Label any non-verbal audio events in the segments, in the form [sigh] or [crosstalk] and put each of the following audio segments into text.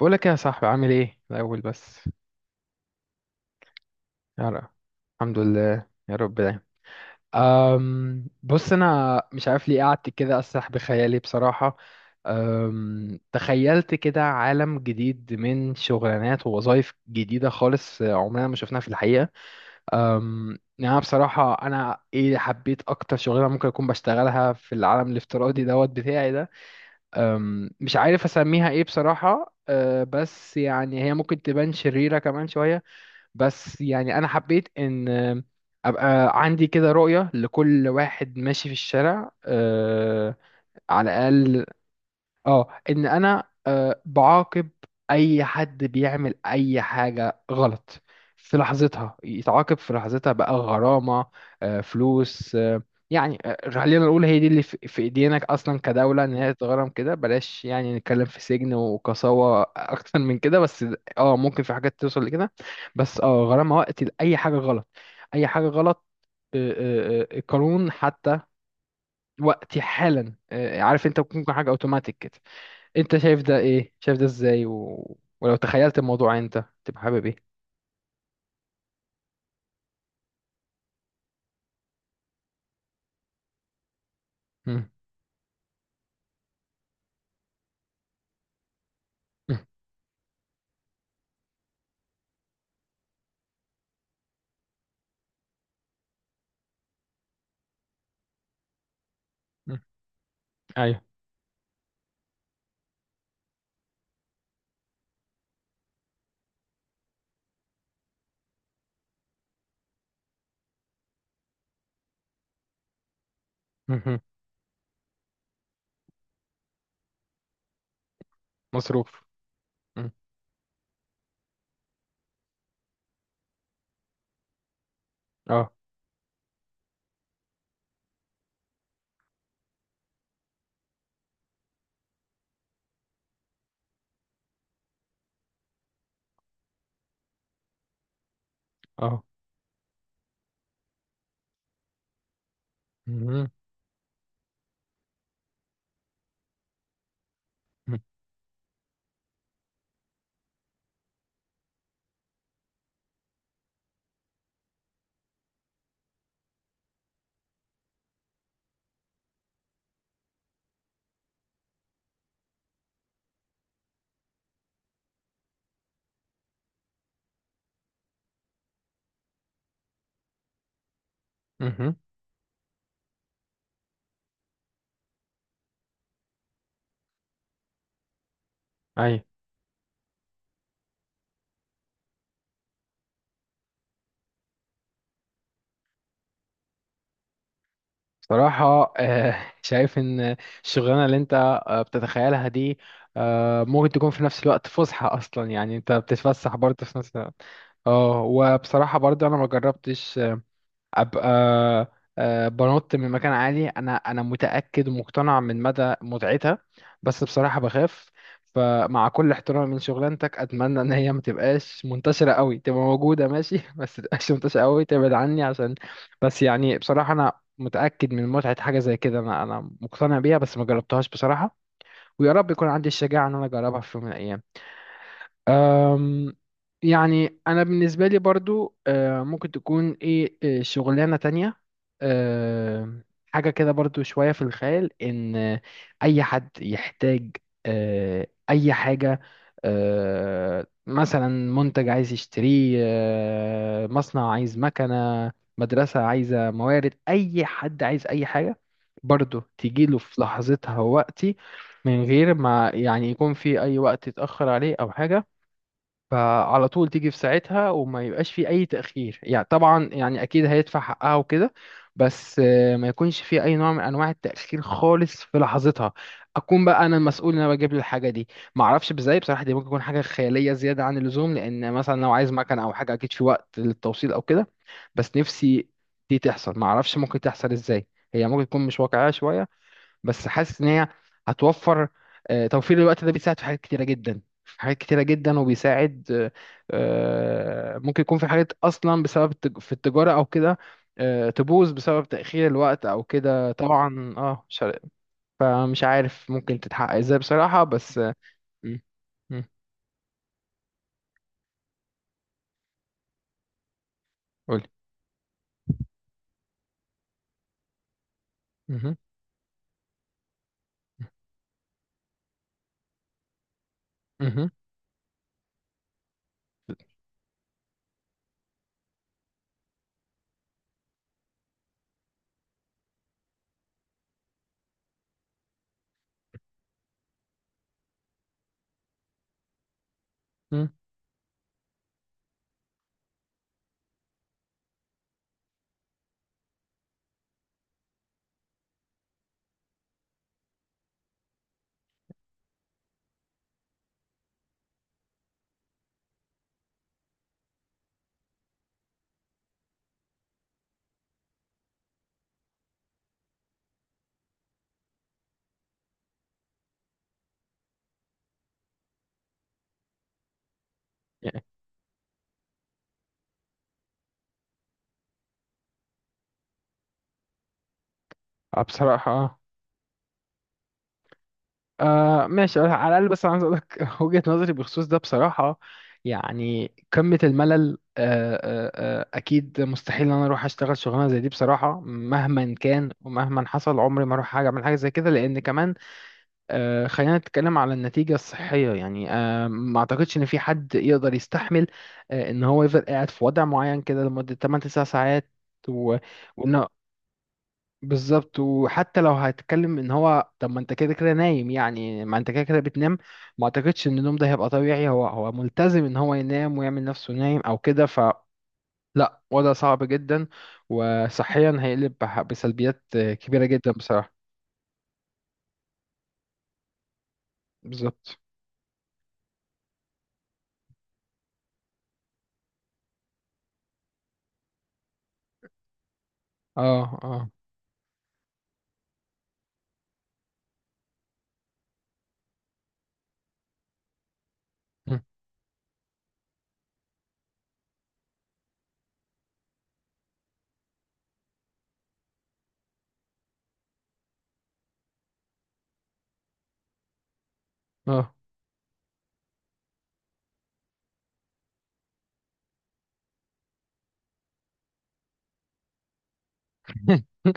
بقولك يا صاحبي، عامل ايه الأول بس؟ يا رب. الحمد لله يا رب دايما. بص، أنا مش عارف ليه قعدت كده أسرح بخيالي بصراحة. تخيلت كده عالم جديد من شغلانات ووظائف جديدة خالص، عمرنا ما شفناها في الحقيقة. يعني أنا بصراحة حبيت أكتر شغلانة ممكن أكون بشتغلها في العالم الافتراضي دوت بتاعي ده. مش عارف أسميها ايه بصراحة. بس يعني هي ممكن تبان شريرة كمان شوية. بس يعني انا حبيت ان ابقى عندي كده رؤية لكل واحد ماشي في الشارع، على الاقل. اه ان انا بعاقب اي حد بيعمل اي حاجة غلط في لحظتها، يتعاقب في لحظتها بقى غرامة، فلوس. يعني، خلينا نقول هي دي اللي في ايدينك اصلا كدولة، ان هي تتغرم كده، بلاش يعني نتكلم في سجن وقساوة [laughs] اكتر من كده بس. اه، ممكن في حاجات توصل لكده. بس غرامة وقت لأي حاجة غلط، اي حاجة غلط، القانون حتى. وقتي حالا، عارف، انت ممكن حاجة اوتوماتيك كده. انت شايف ده ايه؟ شايف ده ازاي؟ و... ولو تخيلت الموضوع انت تبقى حابب ايه؟ مم. مم. مم. ايوه. مهم. مصروف. مم. اه، اه. مهم. مم. مهم. ايوه. صراحة، [laughs] شايف ان الشغلانة اللي انت بتتخيلها دي ممكن تكون في نفس الوقت فسحة اصلا، يعني انت بتتفسح برضه في نفس الوقت. اه، وبصراحة برضه انا ما جربتش ابقى بنط من مكان عالي. انا متاكد ومقتنع من مدى متعتها، بس بصراحه بخاف. فمع كل احترامي من شغلانتك، اتمنى ان هي ما تبقاش منتشره قوي. تبقى موجوده ماشي [laughs] بس ما تبقاش منتشره قوي، تبعد عني عشان. بس يعني بصراحه انا متاكد من متعه حاجه زي كده. انا مقتنع بيها بس ما جربتهاش بصراحه. ويا رب يكون عندي الشجاعه ان انا اجربها في يوم من الايام. أم، يعني انا بالنسبه لي برضو، ممكن تكون ايه، شغلانه تانية آه، حاجه كده برضو شويه في الخيال: ان اي حد يحتاج اي حاجه، مثلا منتج عايز يشتريه، مصنع عايز مكنه، مدرسه عايزه موارد، اي حد عايز اي حاجه، برضو تجيله في لحظتها ووقتي، من غير ما يعني يكون في اي وقت يتاخر عليه او حاجه. فعلى طول تيجي في ساعتها، وما يبقاش في اي تأخير يعني. طبعا يعني اكيد هيدفع حقها وكده، بس ما يكونش في اي نوع من انواع التأخير خالص، في لحظتها اكون بقى انا المسؤول ان انا بجيب له الحاجه دي. ما اعرفش ازاي بصراحه، دي ممكن تكون حاجه خياليه زياده عن اللزوم، لان مثلا لو عايز مكنه او حاجه اكيد في وقت للتوصيل او كده. بس نفسي دي تحصل، ما اعرفش ممكن تحصل ازاي. هي ممكن تكون مش واقعيه شويه، بس حاسس ان هي هتوفر. توفير الوقت ده بيساعد في حاجات كتيره جدا، في حاجات كتيره جدا، وبيساعد. ممكن يكون في حاجات اصلا بسبب في التجاره او كده، تبوظ بسبب تاخير الوقت او كده طبعا. اه مش عارف-. فمش عارف ممكن تتحقق ازاي بصراحه بس. م- م- قولي. مهم. مهم. مهم. بصراحه. ماشي، على الاقل بس انا عايز اقول لك [laughs] وجهة نظري بخصوص ده بصراحة. يعني قمة الملل. اكيد مستحيل ان انا اروح اشتغل شغلانة زي دي بصراحة، مهما كان ومهما حصل عمري ما اروح حاجة اعمل حاجة زي كده، لان كمان خلينا نتكلم على النتيجة الصحية يعني. ما اعتقدش ان في حد يقدر يستحمل ان هو يفضل قاعد في وضع معين كده لمدة 8 9 ساعات و... وإن- بالظبط. وحتى لو هتتكلم ان هو، طب ما انت كده كده نايم يعني، ما انت كده كده بتنام. ما اعتقدش ان النوم ده هيبقى طبيعي، هو ملتزم ان هو ينام ويعمل نفسه نايم او كده، ف لا، وضع صعب جدا. وصحيا هيقلب بسلبيات كبيرة جدا بصراحة. بالظبط. اه، اه. م، اه. [laughs]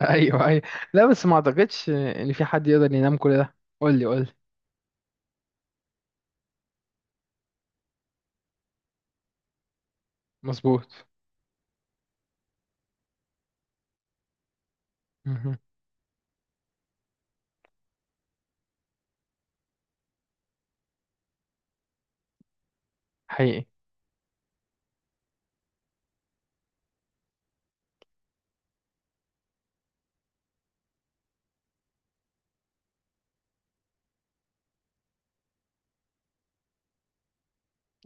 ايوه، ايوه. لا، بس ما اعتقدش ان في حد يقدر ينام كل ده. قول لي، قول لي. مظبوط. مهم. حقيقي.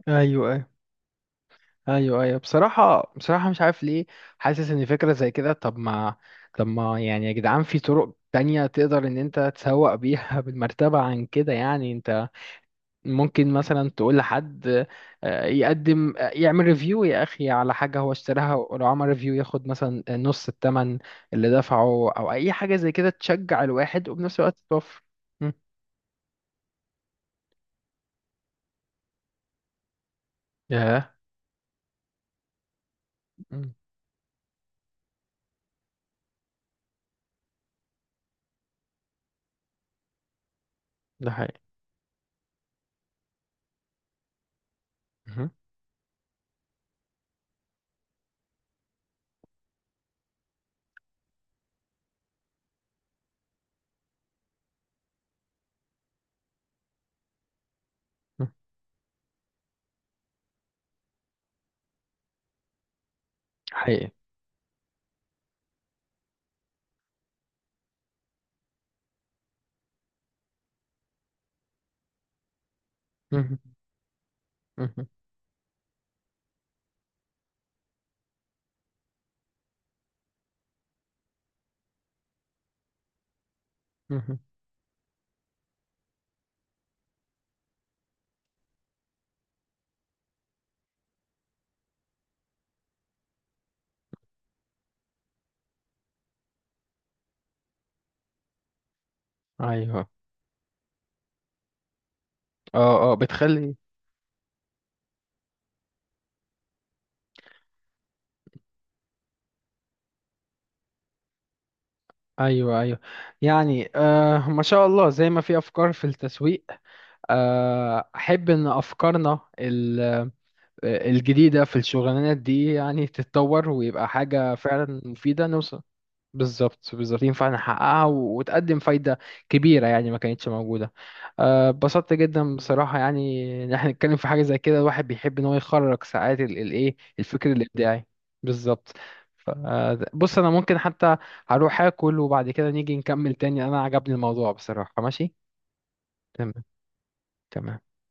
ايوه، ايوه، ايوه. بصراحه مش عارف ليه، حاسس ان فكره زي كده. طب ما يعني يا جدعان، في طرق تانية تقدر ان انت تسوق بيها [laughs] بالمرتبه عن كده. يعني انت ممكن مثلا تقول لحد يقدم، يعمل ريفيو يا اخي على حاجه هو اشتراها، ولو عمل ريفيو ياخد مثلا نص الثمن اللي دفعه، او اي حاجه زي كده تشجع الواحد وبنفس الوقت توفر. مم. ياه. مم. ده حقيقي. مهم. مم. حقيقي. مهم. مهم. مهم. ايوه. اه، اه. بتخلي. ايوه، ايوه. يعني ما شاء الله، زي ما في افكار في التسويق، احب ان افكارنا الجديدة في الشغلانات دي يعني تتطور، ويبقى حاجة فعلا مفيدة نوصل. بالظبط، بالظبط، ينفع نحققها و- وتقدم فايدة كبيرة يعني، ما كانتش موجودة. اتبسطت جدا بصراحة، يعني إن احنا نتكلم في حاجة زي كده الواحد بيحب إن هو يخرج ساعات ال- الإيه الفكر الإبداعي. بالظبط. بص أنا ممكن حتى هروح آكل وبعد كده نيجي نكمل تاني. أنا عجبني الموضوع بصراحة، ماشي. تمام. تمام.